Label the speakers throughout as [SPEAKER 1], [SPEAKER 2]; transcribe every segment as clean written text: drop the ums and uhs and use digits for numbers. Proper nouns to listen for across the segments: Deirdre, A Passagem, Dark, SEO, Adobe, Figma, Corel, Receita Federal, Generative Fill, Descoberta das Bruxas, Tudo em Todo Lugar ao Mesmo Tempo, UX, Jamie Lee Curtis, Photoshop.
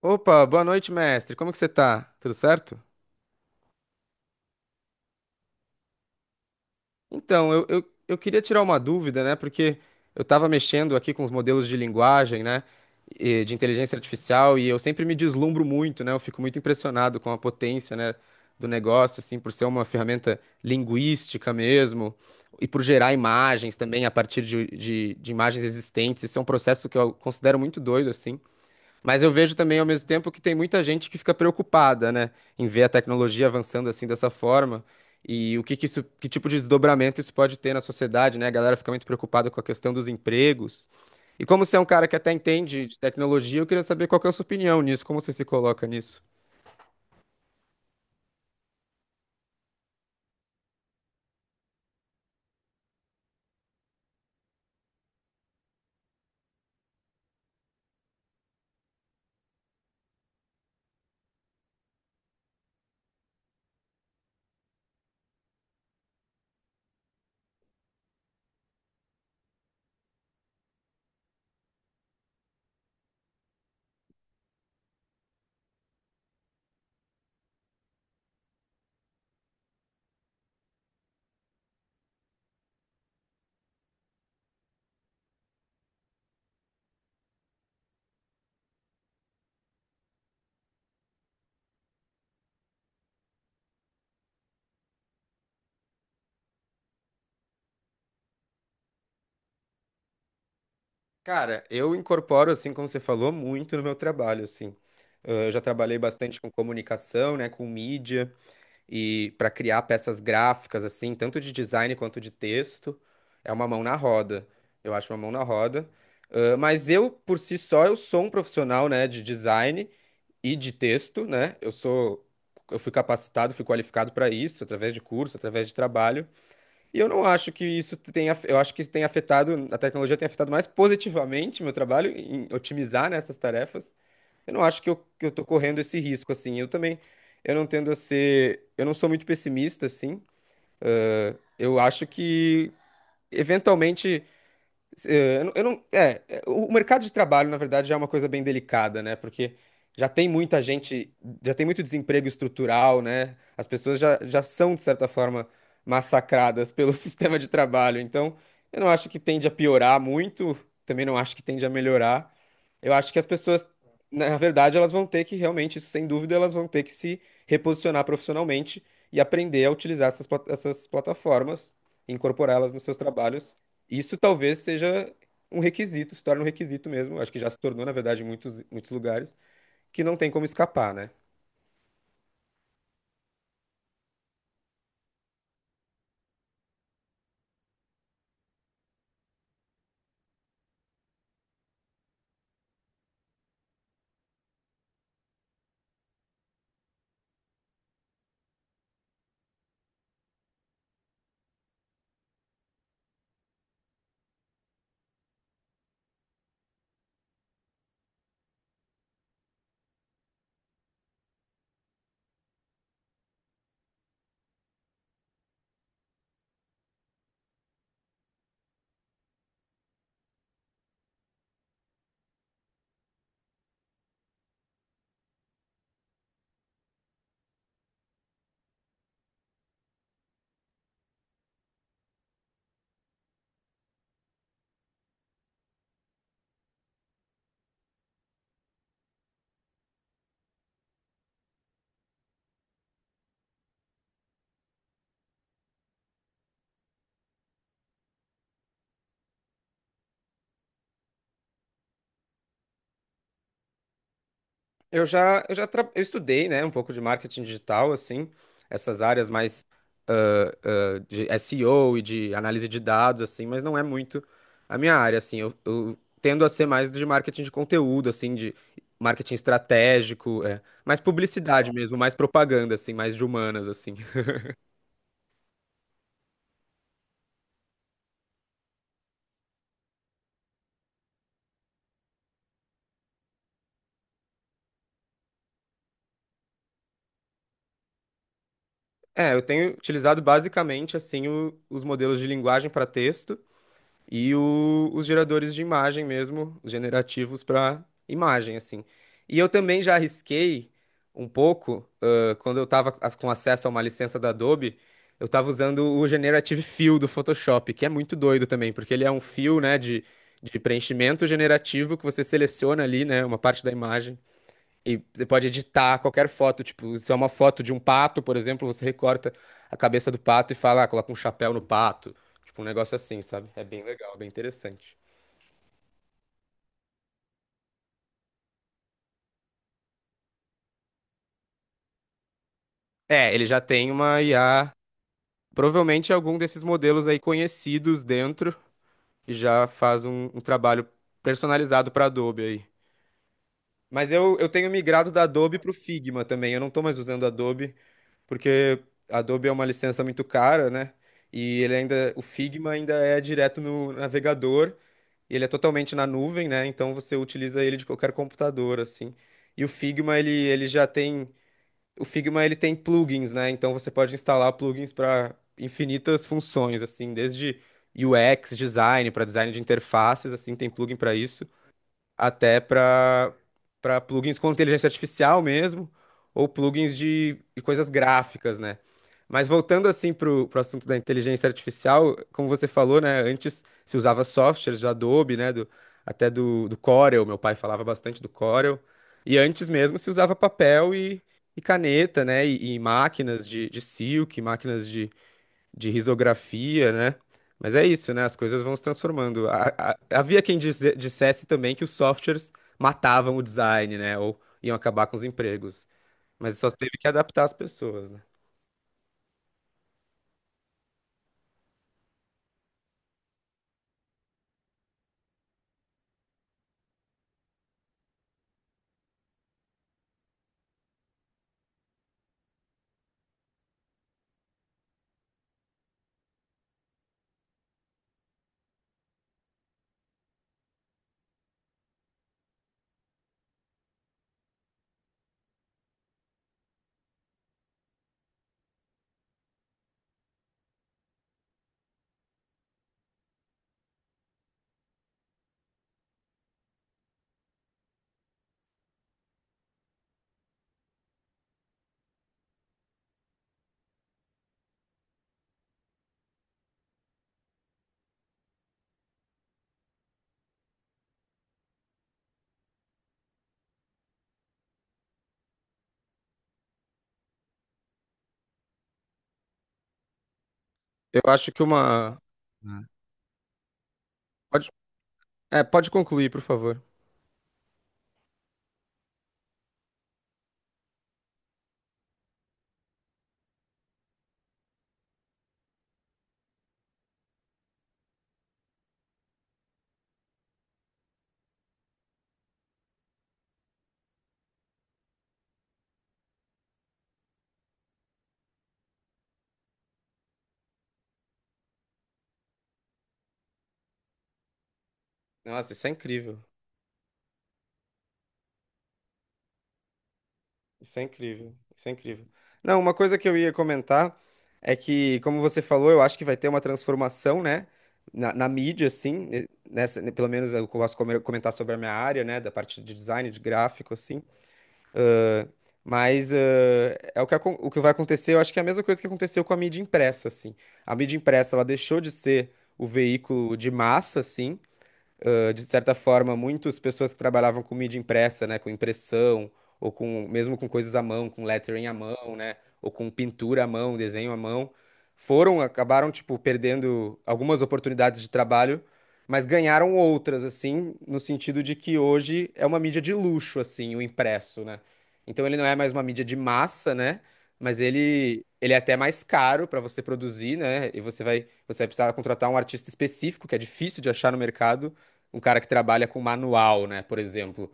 [SPEAKER 1] Opa, boa noite, mestre. Como que você tá? Tudo certo? Então, eu queria tirar uma dúvida, né? Porque eu estava mexendo aqui com os modelos de linguagem, né? De inteligência artificial, e eu sempre me deslumbro muito, né? Eu fico muito impressionado com a potência, né? Do negócio, assim, por ser uma ferramenta linguística mesmo, e por gerar imagens também a partir de imagens existentes. Isso é um processo que eu considero muito doido, assim. Mas eu vejo também ao mesmo tempo que tem muita gente que fica preocupada, né, em ver a tecnologia avançando assim dessa forma e o que que isso, que tipo de desdobramento isso pode ter na sociedade, né? A galera fica muito preocupada com a questão dos empregos. E como você é um cara que até entende de tecnologia, eu queria saber qual que é a sua opinião nisso, como você se coloca nisso? Cara, eu incorporo, assim, como você falou, muito no meu trabalho, assim. Eu já trabalhei bastante com comunicação, né, com mídia. E para criar peças gráficas assim, tanto de design quanto de texto, é uma mão na roda. Eu acho uma mão na roda. Ah, mas eu, por si só, eu sou um profissional, né, de design e de texto, né? Eu sou. Eu fui capacitado, fui qualificado para isso, através de curso, através de trabalho. E eu não acho que isso tenha. Eu acho que isso tem afetado, a tecnologia tem afetado mais positivamente meu trabalho em otimizar, né, essas tarefas. Eu não acho que eu tô correndo esse risco, assim. Eu também, eu não tendo a ser, eu não sou muito pessimista, assim. Eu acho que, eventualmente, eu não- o mercado de trabalho, na verdade, já é uma coisa bem delicada, né? Porque já tem muita gente, já tem muito desemprego estrutural, né? As pessoas já são, de certa forma, massacradas pelo sistema de trabalho. Então, eu não acho que tende a piorar muito, também não acho que tende a melhorar. Eu acho que as pessoas, na verdade, elas vão ter que realmente, isso sem dúvida, elas vão ter que se reposicionar profissionalmente e aprender a utilizar essas plataformas, incorporá-las nos seus trabalhos. Isso talvez seja um requisito, se torna um requisito mesmo. Acho que já se tornou, na verdade, em muitos lugares, que não tem como escapar, né? Eu estudei, né, um pouco de marketing digital, assim, essas áreas mais de SEO e O e de análise de dados, assim, mas não é muito a minha área, assim. Eu tendo a ser mais de marketing de conteúdo, assim, de marketing estratégico, é, mais publicidade mesmo, mais propaganda, assim, mais de humanas, assim. É, eu tenho utilizado basicamente, assim, os modelos de linguagem para texto e os geradores de imagem mesmo, os generativos para imagem, assim. E eu também já arrisquei um pouco, quando eu estava com acesso a uma licença da Adobe, eu estava usando o Generative Fill do Photoshop, que é muito doido também, porque ele é um fill né, de preenchimento generativo que você seleciona ali, né, uma parte da imagem. E você pode editar qualquer foto, tipo, se é uma foto de um pato, por exemplo, você recorta a cabeça do pato e fala, ah, coloca um chapéu no pato. Tipo, um negócio assim, sabe? É bem legal, bem interessante. É, ele já tem uma IA, provavelmente algum desses modelos aí conhecidos dentro, e já faz um trabalho personalizado para Adobe aí. Mas eu tenho migrado da Adobe pro Figma também, eu não tô mais usando Adobe, porque Adobe é uma licença muito cara, né? E ele ainda, o Figma ainda é direto no navegador. Ele é totalmente na nuvem, né? Então você utiliza ele de qualquer computador, assim. E o Figma, ele já tem. O Figma, ele tem plugins, né? Então você pode instalar plugins para infinitas funções, assim, desde UX, design, para design de interfaces, assim, tem plugin para isso até para para plugins com inteligência artificial mesmo, ou plugins de coisas gráficas, né? Mas voltando assim para o assunto da inteligência artificial, como você falou, né? Antes se usava softwares do Adobe, né? Até do Corel, meu pai falava bastante do Corel. E antes mesmo se usava papel e caneta, né? E máquinas de silk, máquinas de risografia, né? Mas é isso, né? As coisas vão se transformando. Havia quem dissesse também que os softwares matavam o design, né? Ou iam acabar com os empregos. Mas só teve que adaptar as pessoas, né? Eu acho que uma. Pode, é, pode concluir, por favor. Nossa, isso é incrível. Isso é incrível, isso é incrível. Não, uma coisa que eu ia comentar é que, como você falou, eu acho que vai ter uma transformação, né, na mídia, assim, nessa, né, pelo menos eu posso comentar sobre a minha área, né, da parte de design, de gráfico, assim, mas é o que, o que vai acontecer, eu acho que é a mesma coisa que aconteceu com a mídia impressa, assim. A mídia impressa, ela deixou de ser o veículo de massa, assim, ah, de certa forma, muitas pessoas que trabalhavam com mídia impressa, né, com impressão, ou com mesmo com coisas à mão, com lettering à mão, né, ou com pintura à mão, desenho à mão, foram, acabaram, tipo, perdendo algumas oportunidades de trabalho, mas ganharam outras, assim, no sentido de que hoje é uma mídia de luxo, assim, o impresso, né? Então ele não é mais uma mídia de massa, né? Mas ele é até mais caro para você produzir, né? E você vai precisar contratar um artista específico, que é difícil de achar no mercado, um cara que trabalha com manual, né, por exemplo,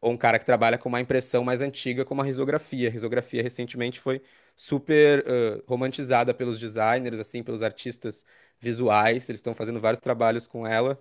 [SPEAKER 1] ou um cara que trabalha com uma impressão mais antiga, como a risografia. A risografia recentemente foi super romantizada pelos designers, assim, pelos artistas visuais. Eles estão fazendo vários trabalhos com ela,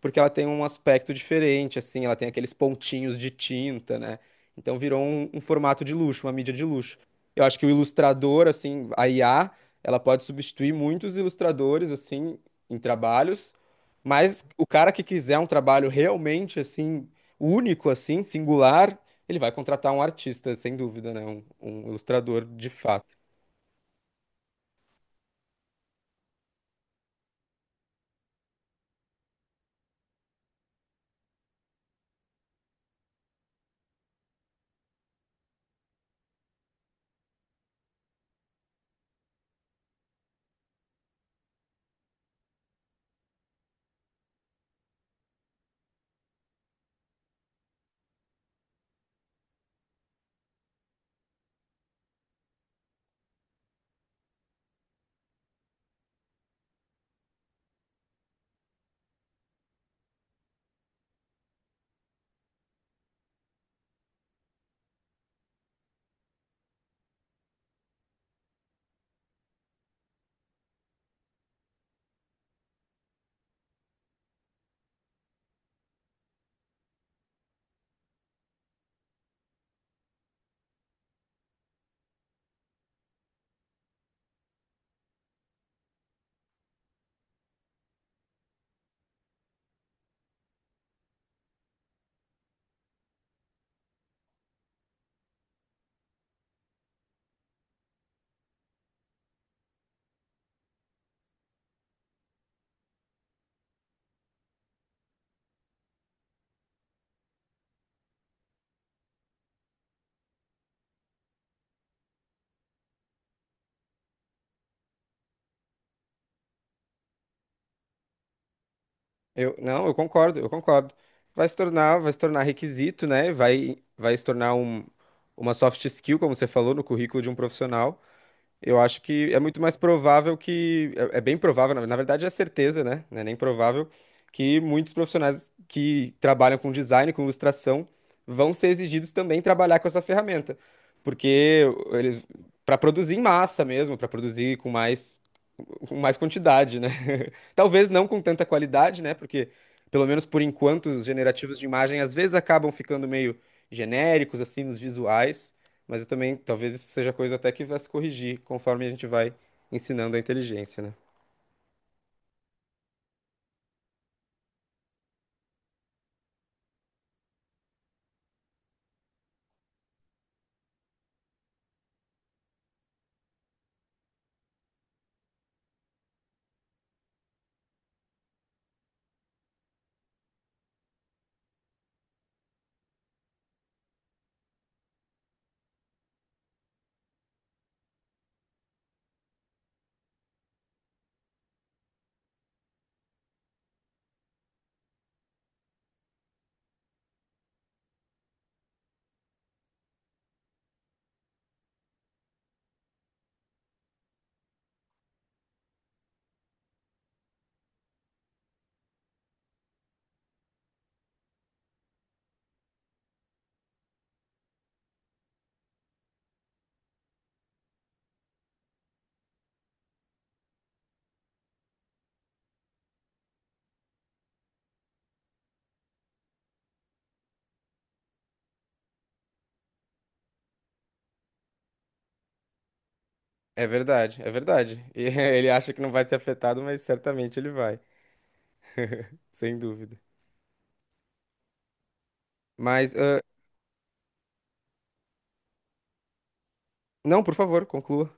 [SPEAKER 1] porque ela tem um aspecto diferente, assim, ela tem aqueles pontinhos de tinta, né? Então virou um formato de luxo, uma mídia de luxo. Eu acho que o ilustrador, assim, a IA, ela pode substituir muitos ilustradores, assim, em trabalhos. Mas o cara que quiser um trabalho realmente assim, único assim, singular, ele vai contratar um artista, sem dúvida, né? Um ilustrador de fato. Eu, não, eu concordo, eu concordo. Vai se tornar requisito, né? Vai, vai se tornar uma soft skill, como você falou, no currículo de um profissional. Eu acho que é muito mais provável que. É, é bem provável, na verdade é certeza, né? Não é nem provável que muitos profissionais que trabalham com design, com ilustração, vão ser exigidos também trabalhar com essa ferramenta. Porque eles. Para produzir em massa mesmo, para produzir com mais quantidade, né? Talvez não com tanta qualidade, né? Porque, pelo menos por enquanto, os generativos de imagem às vezes acabam ficando meio genéricos, assim, nos visuais. Mas eu também, talvez isso seja coisa até que vai se corrigir conforme a gente vai ensinando a inteligência, né? É verdade, é verdade. E Ele acha que não vai ser afetado, mas certamente ele vai. Sem dúvida. Mas, ah, não, por favor, conclua.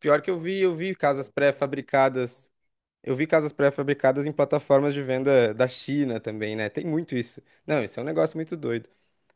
[SPEAKER 1] Pior que eu vi casas pré-fabricadas. Eu vi casas pré-fabricadas em plataformas de venda da China também, né? Tem muito isso. Não, isso é um negócio muito doido.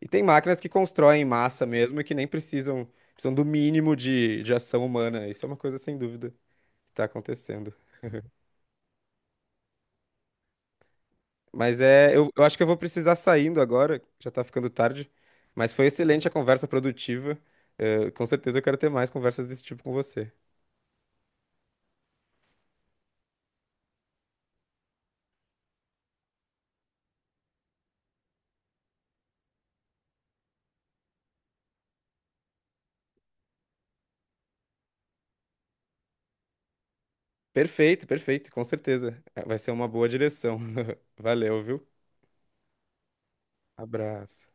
[SPEAKER 1] E tem máquinas que constroem em massa mesmo e que nem precisam, precisam do mínimo de ação humana. Isso é uma coisa sem dúvida que tá acontecendo. Mas é, eu acho que eu vou precisar saindo agora, já tá ficando tarde. Mas foi excelente a conversa produtiva. Com certeza eu quero ter mais conversas desse tipo com você. Perfeito, perfeito, com certeza. Vai ser uma boa direção. Valeu, viu? Abraço.